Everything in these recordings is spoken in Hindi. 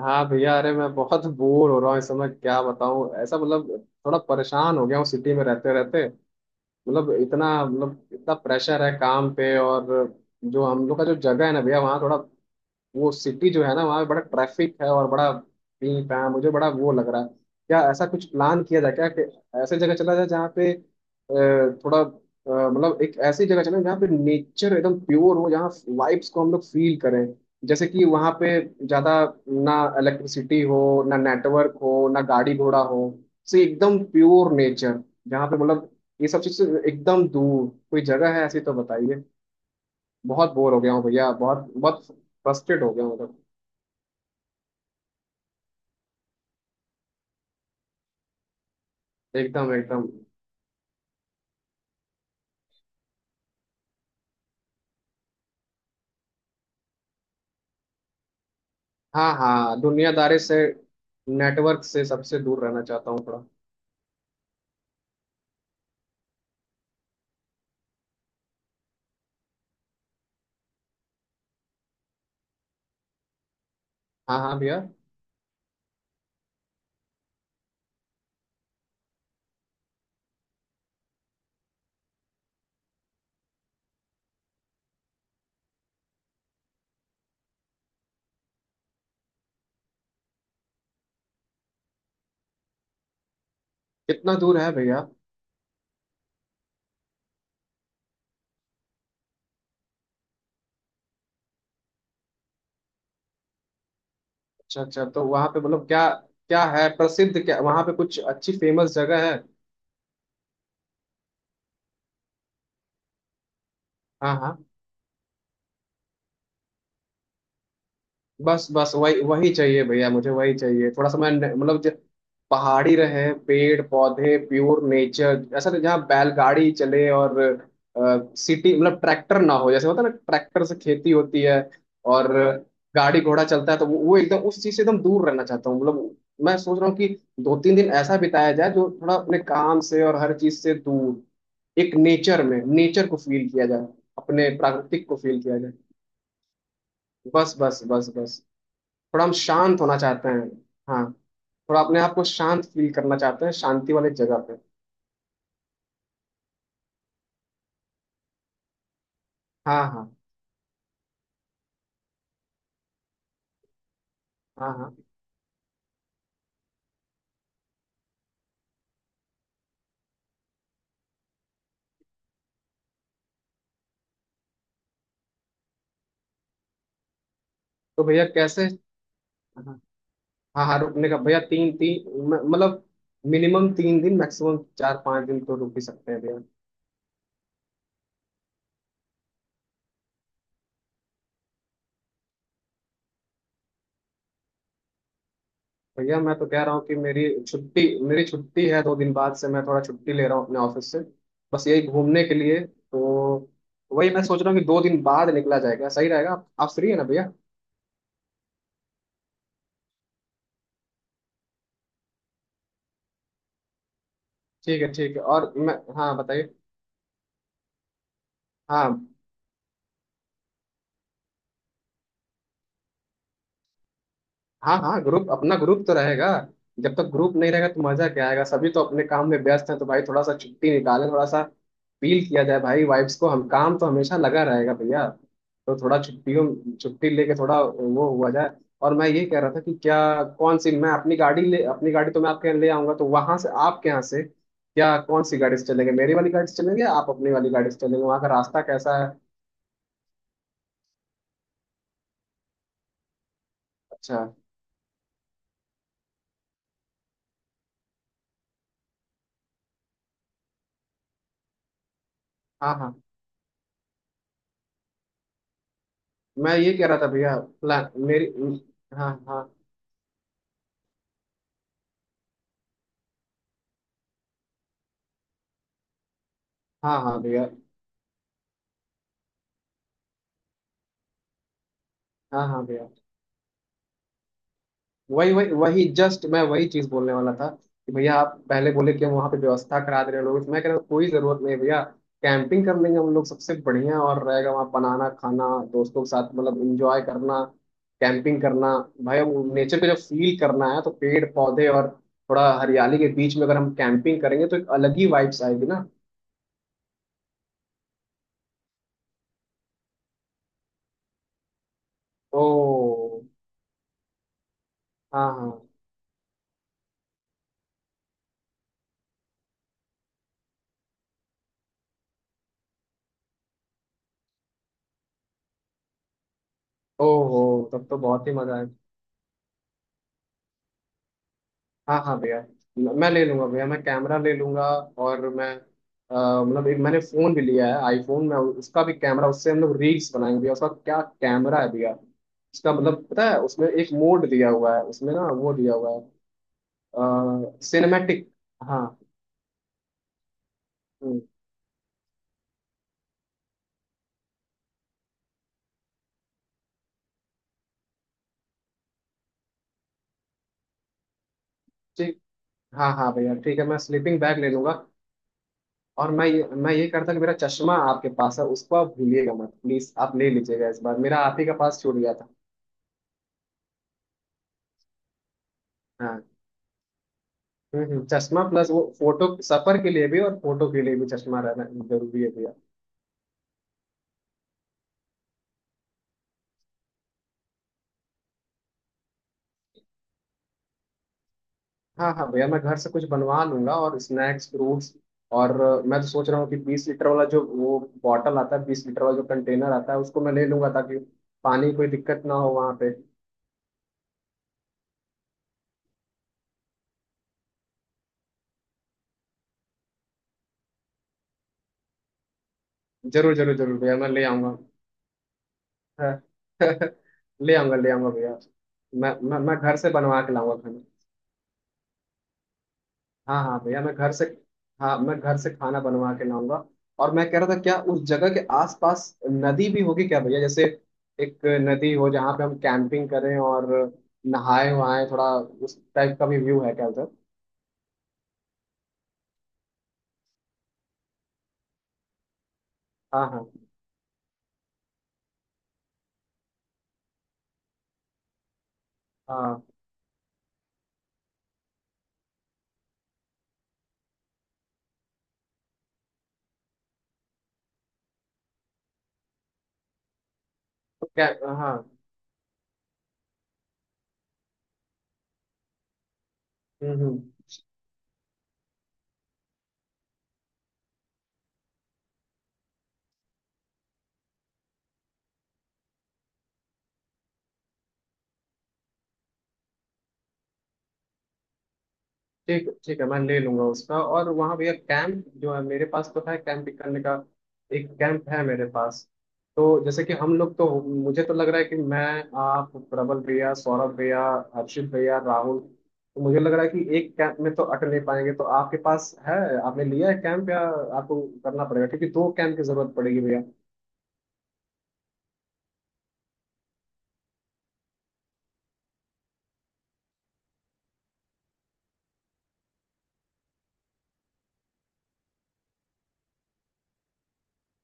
हाँ भैया, अरे मैं बहुत बोर हो रहा हूँ इस समय। क्या बताऊँ, ऐसा मतलब थोड़ा परेशान हो गया हूँ सिटी में रहते रहते। मतलब इतना प्रेशर है काम पे। और जो हम लोग का जो जगह है ना भैया, वहाँ थोड़ा वो सिटी जो है ना, वहाँ पे बड़ा ट्रैफिक है और बड़ा पी पा मुझे बड़ा वो लग रहा है। क्या ऐसा कुछ प्लान किया जाए क्या कि ऐसे जगह चला जाए जहाँ पे मतलब एक ऐसी जगह चले जहाँ पे नेचर एकदम प्योर हो, जहाँ वाइब्स को हम लोग फील करें। जैसे कि वहाँ पे ज्यादा ना इलेक्ट्रिसिटी हो, ना नेटवर्क हो, ना गाड़ी घोड़ा हो। से एकदम प्योर नेचर, जहाँ पे मतलब ये सब चीज से एकदम दूर कोई जगह है ऐसी तो बताइए। बहुत बोर हो गया हूँ भैया, बहुत बहुत फ्रस्ट्रेट हो गया हूँ मतलब। एकदम एकदम। हाँ हाँ, दुनियादारी से, नेटवर्क से सबसे दूर रहना चाहता हूँ थोड़ा। हाँ हाँ भैया। कितना दूर है भैया? अच्छा अच्छा, तो वहाँ पे मतलब क्या, क्या है प्रसिद्ध? क्या वहाँ पे कुछ अच्छी फेमस जगह है? हाँ हाँ। बस बस वही वही चाहिए भैया, मुझे वही चाहिए थोड़ा सा। मैं न- मतलब जो पहाड़ी रहे, पेड़ पौधे, प्योर नेचर, ऐसा नहीं जहाँ बैलगाड़ी चले और सिटी मतलब ट्रैक्टर ना हो। जैसे होता है ना ट्रैक्टर से खेती होती है और गाड़ी घोड़ा चलता है, तो वो एकदम उस चीज से एकदम दूर रहना चाहता हूँ मतलब। मैं सोच रहा हूँ कि 2-3 दिन ऐसा बिताया जाए जो थोड़ा अपने काम से और हर चीज से दूर एक नेचर में नेचर को फील किया जाए, अपने प्राकृतिक को फील किया जाए। बस बस बस बस, थोड़ा हम शांत होना चाहते हैं। हाँ, थोड़ा अपने आप को शांत फील करना चाहते हैं, शांति वाली जगह पे। हाँ हाँ। हाँ हाँ, तो भैया कैसे। हाँ, हाँ हाँ, रुकने का भैया तीन तीन म- मतलब मिनिमम 3 दिन, मैक्सिमम 4-5 दिन तो रुक ही सकते हैं भैया। भैया मैं तो कह रहा हूँ कि मेरी छुट्टी, मेरी छुट्टी है, 2 दिन बाद से मैं थोड़ा छुट्टी ले रहा हूँ अपने ऑफिस से, बस यही घूमने के लिए। तो वही मैं सोच रहा हूँ कि 2 दिन बाद निकला जाएगा, सही रहेगा। आप फ्री है ना भैया? ठीक है ठीक है। और मैं, हाँ बताइए। हाँ हाँ। हाँ, ग्रुप, अपना ग्रुप तो रहेगा। जब तक ग्रुप नहीं रहेगा तो मजा क्या आएगा? सभी तो अपने काम में व्यस्त हैं, तो भाई थोड़ा सा छुट्टी निकालें, थोड़ा सा फील किया जाए भाई वाइब्स को हम। काम तो हमेशा लगा रहेगा भैया, तो थोड़ा छुट्टियों, छुट्टी लेके थोड़ा वो हुआ जाए। और मैं ये कह रहा था कि क्या कौन सी, मैं अपनी गाड़ी ले, अपनी गाड़ी तो मैं आपके यहाँ ले आऊंगा, तो वहां से, आपके यहाँ से क्या कौन सी गाड़ी से चलेंगे? मेरी वाली गाड़ी से चलेंगे या आप अपनी वाली गाड़ी से चलेंगे? वहां का रास्ता कैसा है? अच्छा। हाँ हाँ। मैं ये कह रहा था भैया, प्लान मेरी। हाँ हाँ। हाँ हाँ भैया। हाँ हाँ भैया। वही वही वही, जस्ट मैं वही चीज बोलने वाला था कि भैया आप पहले बोले कि हम वहाँ पे व्यवस्था करा दे रहे हैं लोगों से। मैं कह रहा हूँ कोई जरूरत नहीं भैया, कैंपिंग कर लेंगे हम लोग, सबसे बढ़िया और रहेगा वहाँ। बनाना खाना दोस्तों के साथ, मतलब इंजॉय करना, कैंपिंग करना भाई। नेचर को जब फील करना है तो पेड़ पौधे और थोड़ा हरियाली के बीच में अगर हम कैंपिंग करेंगे तो एक अलग ही वाइब्स आएगी ना। ओ। हाँ हाँ। ओहो, तब तो बहुत ही मजा आएगा। हाँ हाँ भैया, मैं ले लूंगा भैया, मैं कैमरा ले लूंगा। और मैं, मतलब एक मैंने फोन भी लिया है आईफोन, में उसका भी कैमरा, उससे हम लोग रील्स बनाएंगे भैया। उसका क्या कैमरा है भैया, उसका मतलब पता है उसमें एक मोड दिया हुआ है, उसमें ना वो दिया हुआ है, सिनेमेटिक। हाँ। हम्म, ठीक। हाँ हाँ भैया ठीक है, मैं स्लीपिंग बैग ले लूंगा। और मैं ये, मैं ये करता कि मेरा चश्मा आपके पास है, उसको आप भूलिएगा मत प्लीज, आप ले लीजिएगा। इस बार मेरा आप ही के पास छूट गया था। हाँ। चश्मा प्लस वो फोटो, सफर के लिए भी और फोटो के लिए भी चश्मा रहना जरूरी है भैया। हाँ हाँ भैया, मैं घर से कुछ बनवा लूंगा और स्नैक्स फ्रूट्स। और मैं तो सोच रहा हूँ कि 20 लीटर वाला जो वो बॉटल आता है, 20 लीटर वाला जो कंटेनर आता है, उसको मैं ले लूंगा ताकि पानी की कोई दिक्कत ना हो वहाँ पे। जरूर जरूर जरूर भैया, मैं ले आऊंगा। हाँ, ले आऊंगा भैया, मैं घर से बनवा के लाऊंगा। हाँ हाँ भैया मैं घर से, हाँ मैं घर से खाना बनवा के लाऊंगा। और मैं कह रहा था, क्या उस जगह के आसपास नदी भी होगी क्या भैया? जैसे एक नदी हो जहाँ पे हम कैंपिंग करें और नहाए वहाए, थोड़ा उस टाइप का भी व्यू है क्या उधर? हाँ हाँ। हाँ, तो क्या। हाँ। हम्म। ठीक, ठीक है, मैं ले लूंगा उसका। और वहाँ भैया कैंप जो है, मेरे पास तो है कैंप करने का, एक कैंप है मेरे पास। तो जैसे कि हम लोग तो, मुझे तो लग रहा है कि मैं, आप, प्रबल भैया, सौरभ भैया, हर्षित भैया, राहुल, तो मुझे लग रहा है कि एक कैंप में तो अटक नहीं पाएंगे, तो आपके पास है, आपने लिया है कैंप या आपको करना पड़ेगा, क्योंकि 2 कैंप की जरूरत पड़ेगी भैया।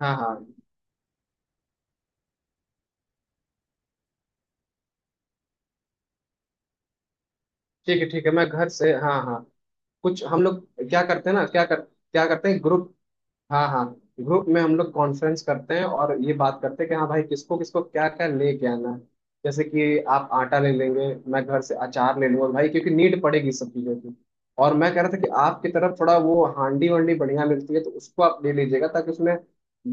हाँ हाँ। ठीक है ठीक है, मैं घर से, हाँ हाँ कुछ हम लोग क्या करते हैं ना, क्या कर, क्या करते हैं ग्रुप। हाँ हाँ, ग्रुप में हम लोग कॉन्फ्रेंस करते हैं और ये बात करते हैं कि हाँ भाई किसको किसको क्या क्या लेके आना है। जैसे कि आप आटा ले लेंगे, मैं घर से अचार ले लूंगा भाई, क्योंकि नीड पड़ेगी सब चीजों की। और मैं कह रहा था कि आपकी तरफ थोड़ा वो हांडी वांडी बढ़िया मिलती है, तो उसको आप ले लीजिएगा ताकि उसमें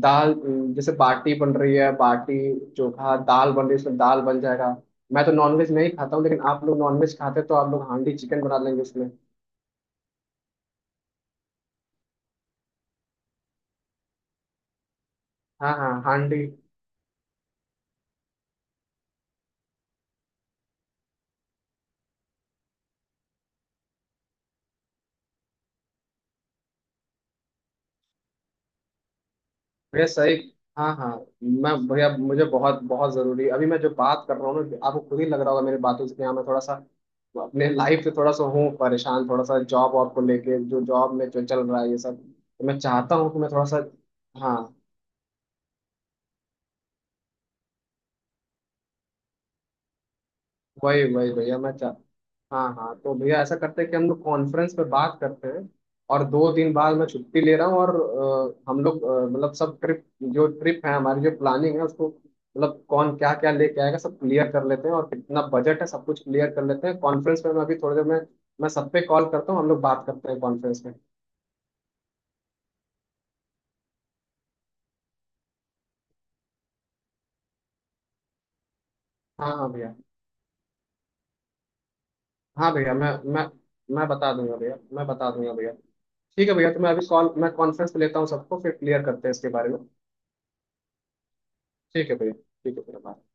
दाल, जैसे बाटी बन रही है, बाटी चोखा, दाल बन रही है, उसमें दाल बन जाएगा। मैं तो नॉनवेज नहीं खाता हूँ, लेकिन आप लोग नॉनवेज खाते हैं तो आप लोग हांडी चिकन बना लेंगे उसमें। हाँ हाँ हांडी। भैया सही। हाँ हाँ, मैं भैया, मुझे बहुत बहुत जरूरी। अभी मैं जो बात कर रहा हूँ ना, आपको खुद ही लग रहा होगा मेरी बातों से कि हाँ, मैं थोड़ा सा अपने लाइफ से थोड़ा सा हूँ परेशान, थोड़ा सा जॉब वॉब को लेके, जो जॉब में जो चल रहा है ये सब, तो मैं चाहता हूँ कि मैं थोड़ा सा। हाँ। वही वही भैया, मैं चाह। हाँ हाँ, तो भैया ऐसा करते हैं कि हम लोग कॉन्फ्रेंस पे बात करते हैं, और 2 दिन बाद मैं छुट्टी ले रहा हूँ, और हम लोग मतलब सब ट्रिप, जो ट्रिप है हमारी, जो प्लानिंग है उसको, मतलब कौन क्या क्या लेके आएगा सब क्लियर कर लेते हैं, और कितना बजट है सब कुछ क्लियर कर लेते हैं कॉन्फ्रेंस में। मैं अभी थोड़ी देर में मैं सब पे कॉल करता हूँ, हम लोग बात करते हैं कॉन्फ्रेंस में। हाँ हाँ भैया। हाँ भैया, मैं बता दूंगा भैया, मैं बता दूंगा भैया। ठीक है भैया, तो मैं अभी कॉल, मैं कॉन्फ्रेंस पे लेता हूँ सबको, फिर क्लियर करते हैं इसके बारे में। ठीक है भैया, ठीक है भैया, bye।